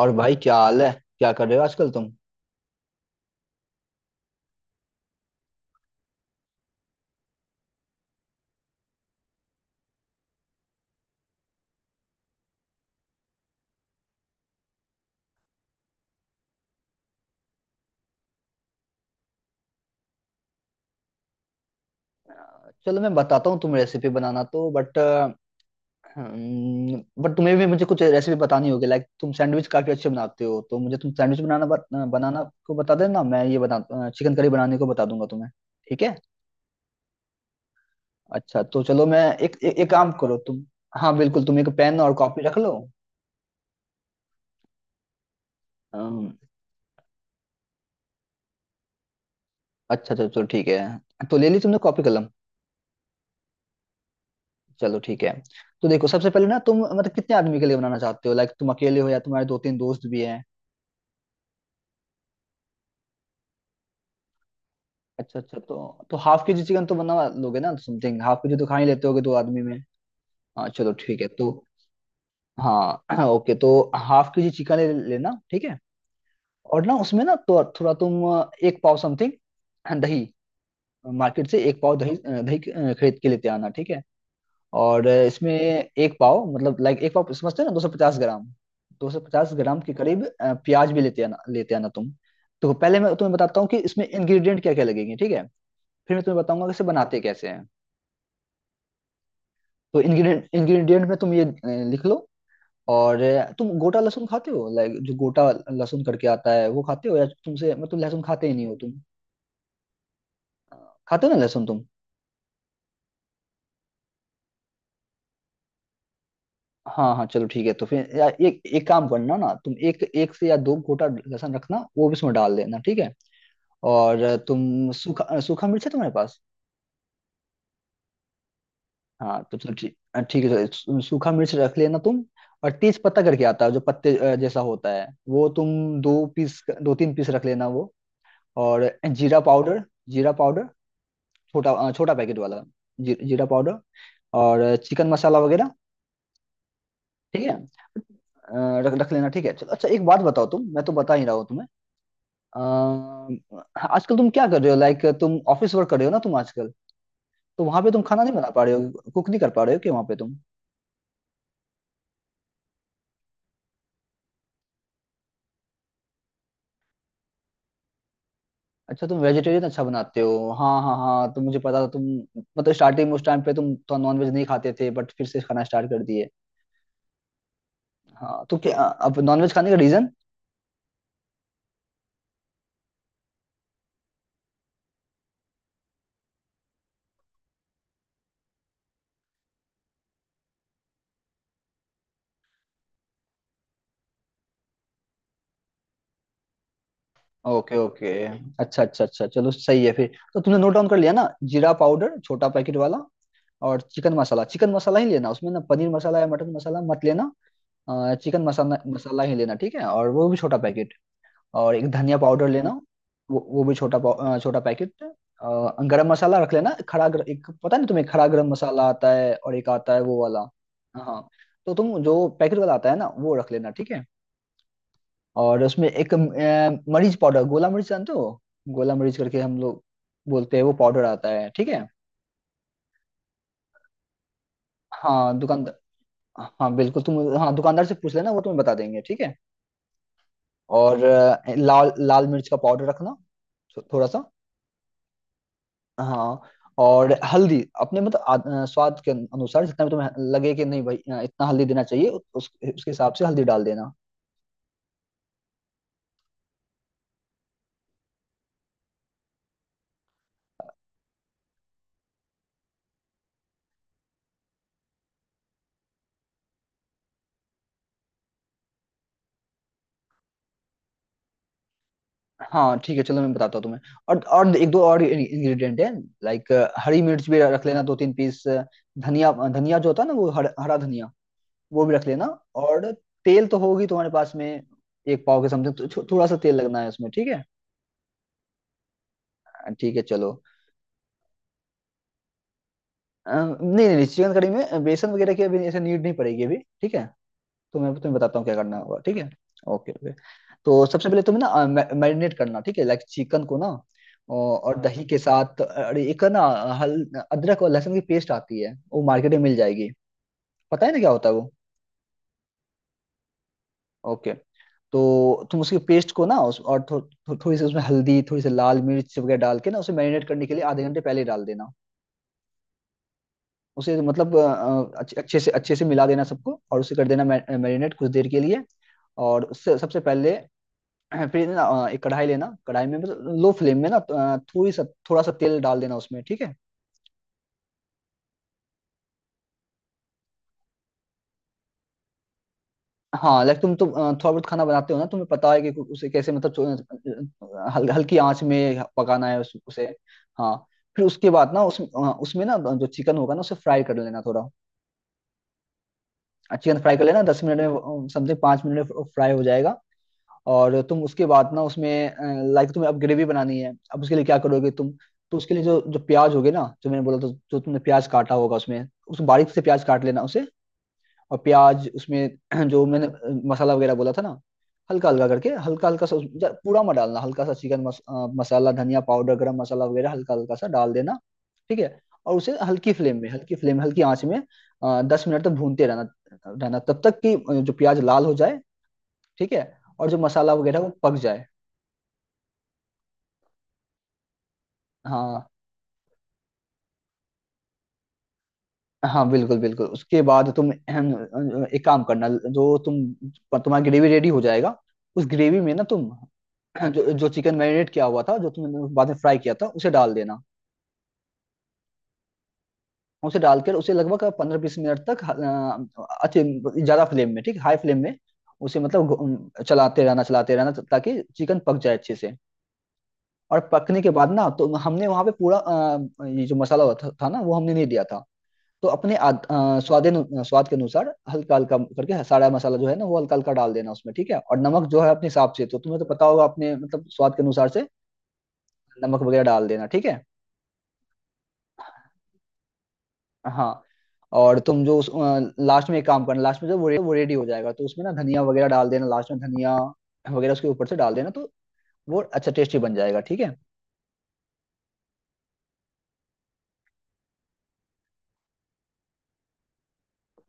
और भाई, क्या हाल है? क्या कर रहे हो आजकल तुम? चलो मैं बताता हूँ, तुम रेसिपी बनाना। तो बट तुम्हें भी मुझे कुछ रेसिपी बतानी होगी। लाइक तुम सैंडविच काफी अच्छे बनाते हो, तो मुझे तुम सैंडविच बनाना को बता देना, मैं ये बना चिकन करी बनाने को बता दूंगा तुम्हें। ठीक है? अच्छा, तो चलो मैं एक एक, एक काम करो तुम। हाँ, बिल्कुल तुम एक पेन और कॉपी रख लो। अम्म, अच्छा, चलो चलो, ठीक है। तो ले ली तुमने कॉपी कलम? चलो ठीक है। तो देखो, सबसे पहले ना तुम मतलब कितने आदमी के लिए बनाना चाहते हो? लाइक तुम अकेले हो या तुम्हारे दो तीन दोस्त भी हैं? अच्छा अच्छा। तो हाफ के जी चिकन तो बना लोगे ना? समथिंग हाफ के जी तो खा ही लेते होगे दो आदमी में। हाँ, चलो ठीक है तो। हाँ ओके। तो हाफ के जी चिकन ले लेना, ठीक है। और ना उसमें ना तो थोड़ा तुम एक पाव समथिंग दही, मार्केट से एक पाव दही खरीद के लेते आना, ठीक है। और इसमें एक पाव मतलब लाइक एक पाव समझते हैं ना? 250 ग्राम, 250 ग्राम के करीब प्याज भी लेते आना तुम। तो पहले मैं तुम्हें बताता हूँ कि इसमें इंग्रेडिएंट क्या क्या लगेंगे, ठीक है। फिर मैं तुम्हें बताऊंगा कि इसे बनाते कैसे हैं। तो इंग्रेडिएंट इंग्रेडिएंट में तुम ये लिख लो। और तुम गोटा लहसुन खाते हो? लाइक जो गोटा लहसुन करके आता है वो खाते हो, या तुमसे मतलब लहसुन खाते ही नहीं हो तुम? खाते हो ना लहसुन तुम? हाँ हाँ, चलो ठीक है। तो फिर या एक एक काम करना ना तुम, एक एक से या दो गोटा लहसुन रखना, वो भी उसमें डाल देना, ठीक है। और तुम सूखा मिर्च है तुम्हारे पास? हाँ तो चलो, ठीक है, चलो, सूखा मिर्च रख लेना तुम। और तेज पत्ता करके आता है, जो पत्ते जैसा होता है वो तुम दो पीस, दो तीन पीस रख लेना वो। और जीरा पाउडर, जीरा पाउडर, छोटा पैकेट वाला, जी, जीरा पाउडर। और चिकन मसाला वगैरह, ठीक है, रख रख लेना, ठीक है, चलो। अच्छा, एक बात बताओ तुम, मैं तो बता ही रहा हूँ तुम्हें, अ, आजकल तुम क्या कर रहे हो? लाइक तुम ऑफिस वर्क कर रहे हो ना तुम आजकल? तो वहां पे तुम खाना नहीं बना पा रहे हो, कुक नहीं कर पा रहे हो, कि वहां पे तुम? अच्छा, तुम वेजिटेरियन अच्छा बनाते हो, हाँ हाँ हाँ, तो मुझे पता था तुम मतलब स्टार्टिंग में उस टाइम पे तुम तो नॉनवेज नहीं खाते थे, बट फिर से खाना स्टार्ट कर दिए। हाँ, तो क्या अब नॉनवेज खाने का रीजन? ओके ओके, अच्छा अच्छा अच्छा, चलो सही है। फिर तो तुमने नोट डाउन कर लिया ना? जीरा पाउडर छोटा पैकेट वाला, और चिकन मसाला, चिकन मसाला ही लेना, उसमें ना पनीर मसाला या मटन मसाला मत लेना। चिकन मसाला मसाला ही लेना, ठीक है, और वो भी छोटा पैकेट। और एक धनिया पाउडर लेना, वो भी छोटा पैकेट। गरम मसाला रख लेना, एक पता नहीं तुम्हें, खड़ा गरम मसाला आता है और एक आता है वो वाला, हाँ। तो तुम जो पैकेट वाला आता है ना वो रख लेना, ठीक है। और उसमें एक मरीच पाउडर, गोला मरीच जानते हो? गोला मरीच करके हम लोग बोलते हैं, वो पाउडर आता है, ठीक है। हाँ दुकानदार, हाँ बिल्कुल, तुम हाँ दुकानदार से पूछ लेना, वो तुम्हें बता देंगे, ठीक है। और लाल लाल मिर्च का पाउडर रखना, थोड़ा सा। हाँ। और हल्दी अपने मतलब स्वाद के अनुसार, जितना भी तुम्हें लगे कि नहीं भाई इतना हल्दी देना चाहिए, उस उसके हिसाब से हल्दी डाल देना। हाँ, ठीक है, चलो, मैं बताता हूँ तुम्हें। और एक दो और इंग्रेडिएंट है, लाइक हरी मिर्च भी रख लेना दो तीन पीस, धनिया, धनिया जो होता है ना वो हरा धनिया, वो भी रख लेना। और तेल तो होगी तुम्हारे पास में, एक पाव के समथिंग तो थोड़ा सा तेल लगना है उसमें, ठीक है। ठीक है, चलो। अ, नहीं नहीं, चिकन कड़ी में बेसन वगैरह की अभी ऐसे नीड नहीं पड़ेगी अभी, ठीक है। तो मैं तुम्हें बताता हूँ क्या करना होगा, ठीक है। Okay okay. तो सबसे पहले तुम्हें ना मैरिनेट करना, ठीक है, लाइक चिकन को ना, और हाँ, दही के साथ, अरे एक ना हल, अदरक और लहसुन की पेस्ट आती है, वो मार्केट में मिल जाएगी। पता है ना क्या होता है वो? ओके। तो तुम उसकी पेस्ट को ना उस, और थो, थो, थोड़ी सी उसमें हल्दी, थोड़ी सी लाल मिर्च वगैरह डाल के ना, उसे मैरिनेट करने के लिए आधे घंटे पहले डाल देना। उसे मतलब अच्छे अच्छे से मिला देना सबको, और उसे कर देना मैरिनेट कुछ देर के लिए। और उससे सबसे पहले, फिर ना एक कढ़ाई लेना, कढ़ाई में बस लो फ्लेम में ना थोड़ी सा थोड़ा सा तेल डाल देना उसमें, ठीक है। हाँ, लाइक तुम तो थोड़ा बहुत खाना बनाते हो ना, तुम्हें पता है कि उसे कैसे मतलब हल्की आंच में पकाना है उसे, हाँ। फिर उसके बाद ना उसमें ना जो चिकन होगा ना उसे फ्राई कर लेना थोड़ा। चिकन फ्राई कर लेना, 10 मिनट में समथिंग, 5 मिनट में फ्राई हो जाएगा। और तुम उसके बाद ना उसमें, लाइक तुम्हें अब ग्रेवी बनानी है, अब उसके लिए क्या करोगे तुम? तो उसके लिए जो जो प्याज होगे ना, जो मैंने बोला, तो जो तुमने प्याज काटा होगा उसमें, उस बारीक से प्याज काट लेना उसे। और प्याज उसमें जो मैंने मसाला वगैरह बोला था ना, हल्का हल्का करके, हल्का हल्का सा, पूरा मत डालना, हल्का सा मसाला, धनिया पाउडर, गरम मसाला वगैरह हल्का हल्का सा डाल देना, ठीक है। और उसे हल्की फ्लेम में, हल्की फ्लेम, हल्की आंच में, 10 मिनट तक भूनते रहना रहना, तब तक कि जो प्याज लाल हो जाए, ठीक है, और जो मसाला वगैरह वो पक जाए। हाँ, हाँ बिल्कुल बिल्कुल। उसके बाद तुम एक काम करना, जो तुम, तुम्हारा ग्रेवी रेडी हो जाएगा। उस ग्रेवी में ना तुम जो जो चिकन मैरिनेट किया हुआ था, जो तुमने बाद में फ्राई किया था, उसे डाल देना। उसे डालकर उसे लगभग 15-20 मिनट तक अच्छे, ज्यादा फ्लेम में, ठीक हाई फ्लेम में, उसे मतलब चलाते रहना, चलाते रहना, ताकि चिकन पक जाए अच्छे से। और पकने के बाद ना, तो हमने वहां पे पूरा ये जो मसाला हुआ था ना, वो हमने नहीं दिया था। तो अपने स्वाद के अनुसार हल्का हल्का करके सारा मसाला जो है ना वो हल्का हल्का डाल देना उसमें, ठीक है, और नमक जो है अपने हिसाब से, तो तुम्हें तो पता होगा अपने मतलब स्वाद के अनुसार से नमक वगैरह डाल देना, ठीक है। हाँ, और तुम जो उस लास्ट में एक काम करना, लास्ट में जब वो वो रेडी हो जाएगा तो उसमें ना धनिया वगैरह डाल देना, लास्ट में धनिया वगैरह उसके ऊपर से डाल देना, तो वो अच्छा टेस्टी बन जाएगा, ठीक है।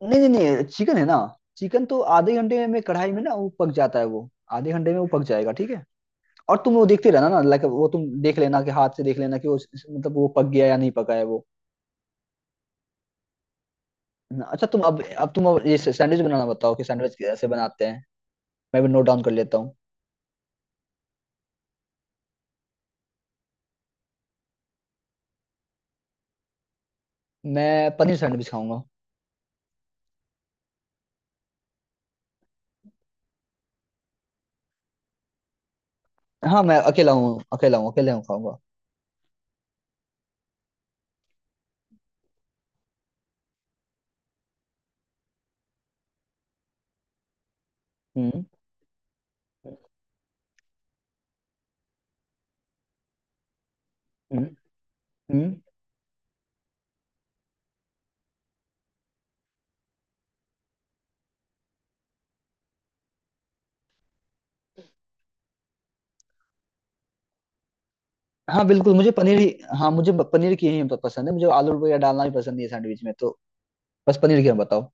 नहीं नहीं नहीं, चिकन है ना, चिकन तो आधे घंटे में कढ़ाई में ना वो पक जाता है वो, आधे घंटे में वो पक जाएगा, ठीक है। और तुम वो देखते रहना ना, लाइक वो तुम देख लेना कि हाथ से देख लेना कि वो मतलब वो पक गया या नहीं पका है वो। अच्छा, तुम अब ये सैंडविच बनाना बताओ कि सैंडविच कैसे बनाते हैं, मैं भी नोट डाउन कर लेता हूँ। मैं पनीर सैंडविच खाऊंगा। हाँ मैं अकेला हूँ, अकेला हूँ, अकेला हूँ, खाऊंगा। हम्म, हम्म, हम्म। हाँ बिल्कुल, मुझे पनीर ही। हाँ, मुझे पनीर की ही पसंद है, मुझे आलू वगैरह डालना भी पसंद नहीं है सैंडविच में, तो बस पनीर की हम बताओ।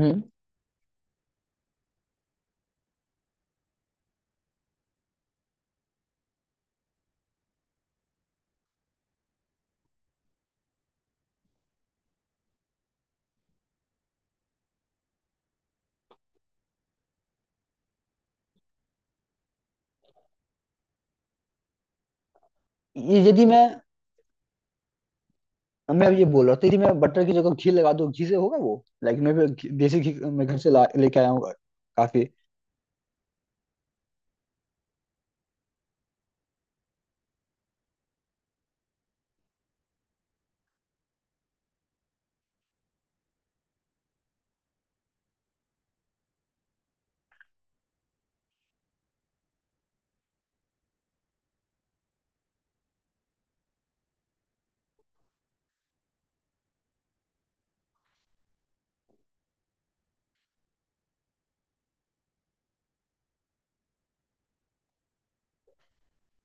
हम्म, यदि मैं अब ये बोल रहा था, यदि मैं बटर की जगह घी लगा दूं, घी से होगा वो? लाइक मैं भी देसी घी मैं घर से ला लेके आया हूँ, काफी।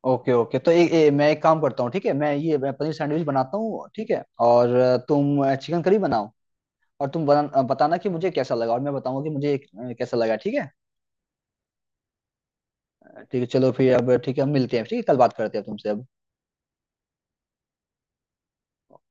ओके ओके, तो ए, ए, मैं एक काम करता हूँ, ठीक है, मैं ये, मैं पनीर सैंडविच बनाता हूँ, ठीक है, और तुम चिकन करी बनाओ, और तुम बताना कि मुझे कैसा लगा, और मैं बताऊंगा कि मुझे कैसा लगा, ठीक है। ठीक है, चलो, फिर अब ठीक है, हम मिलते हैं, ठीक है, कल बात करते हैं तुमसे अब।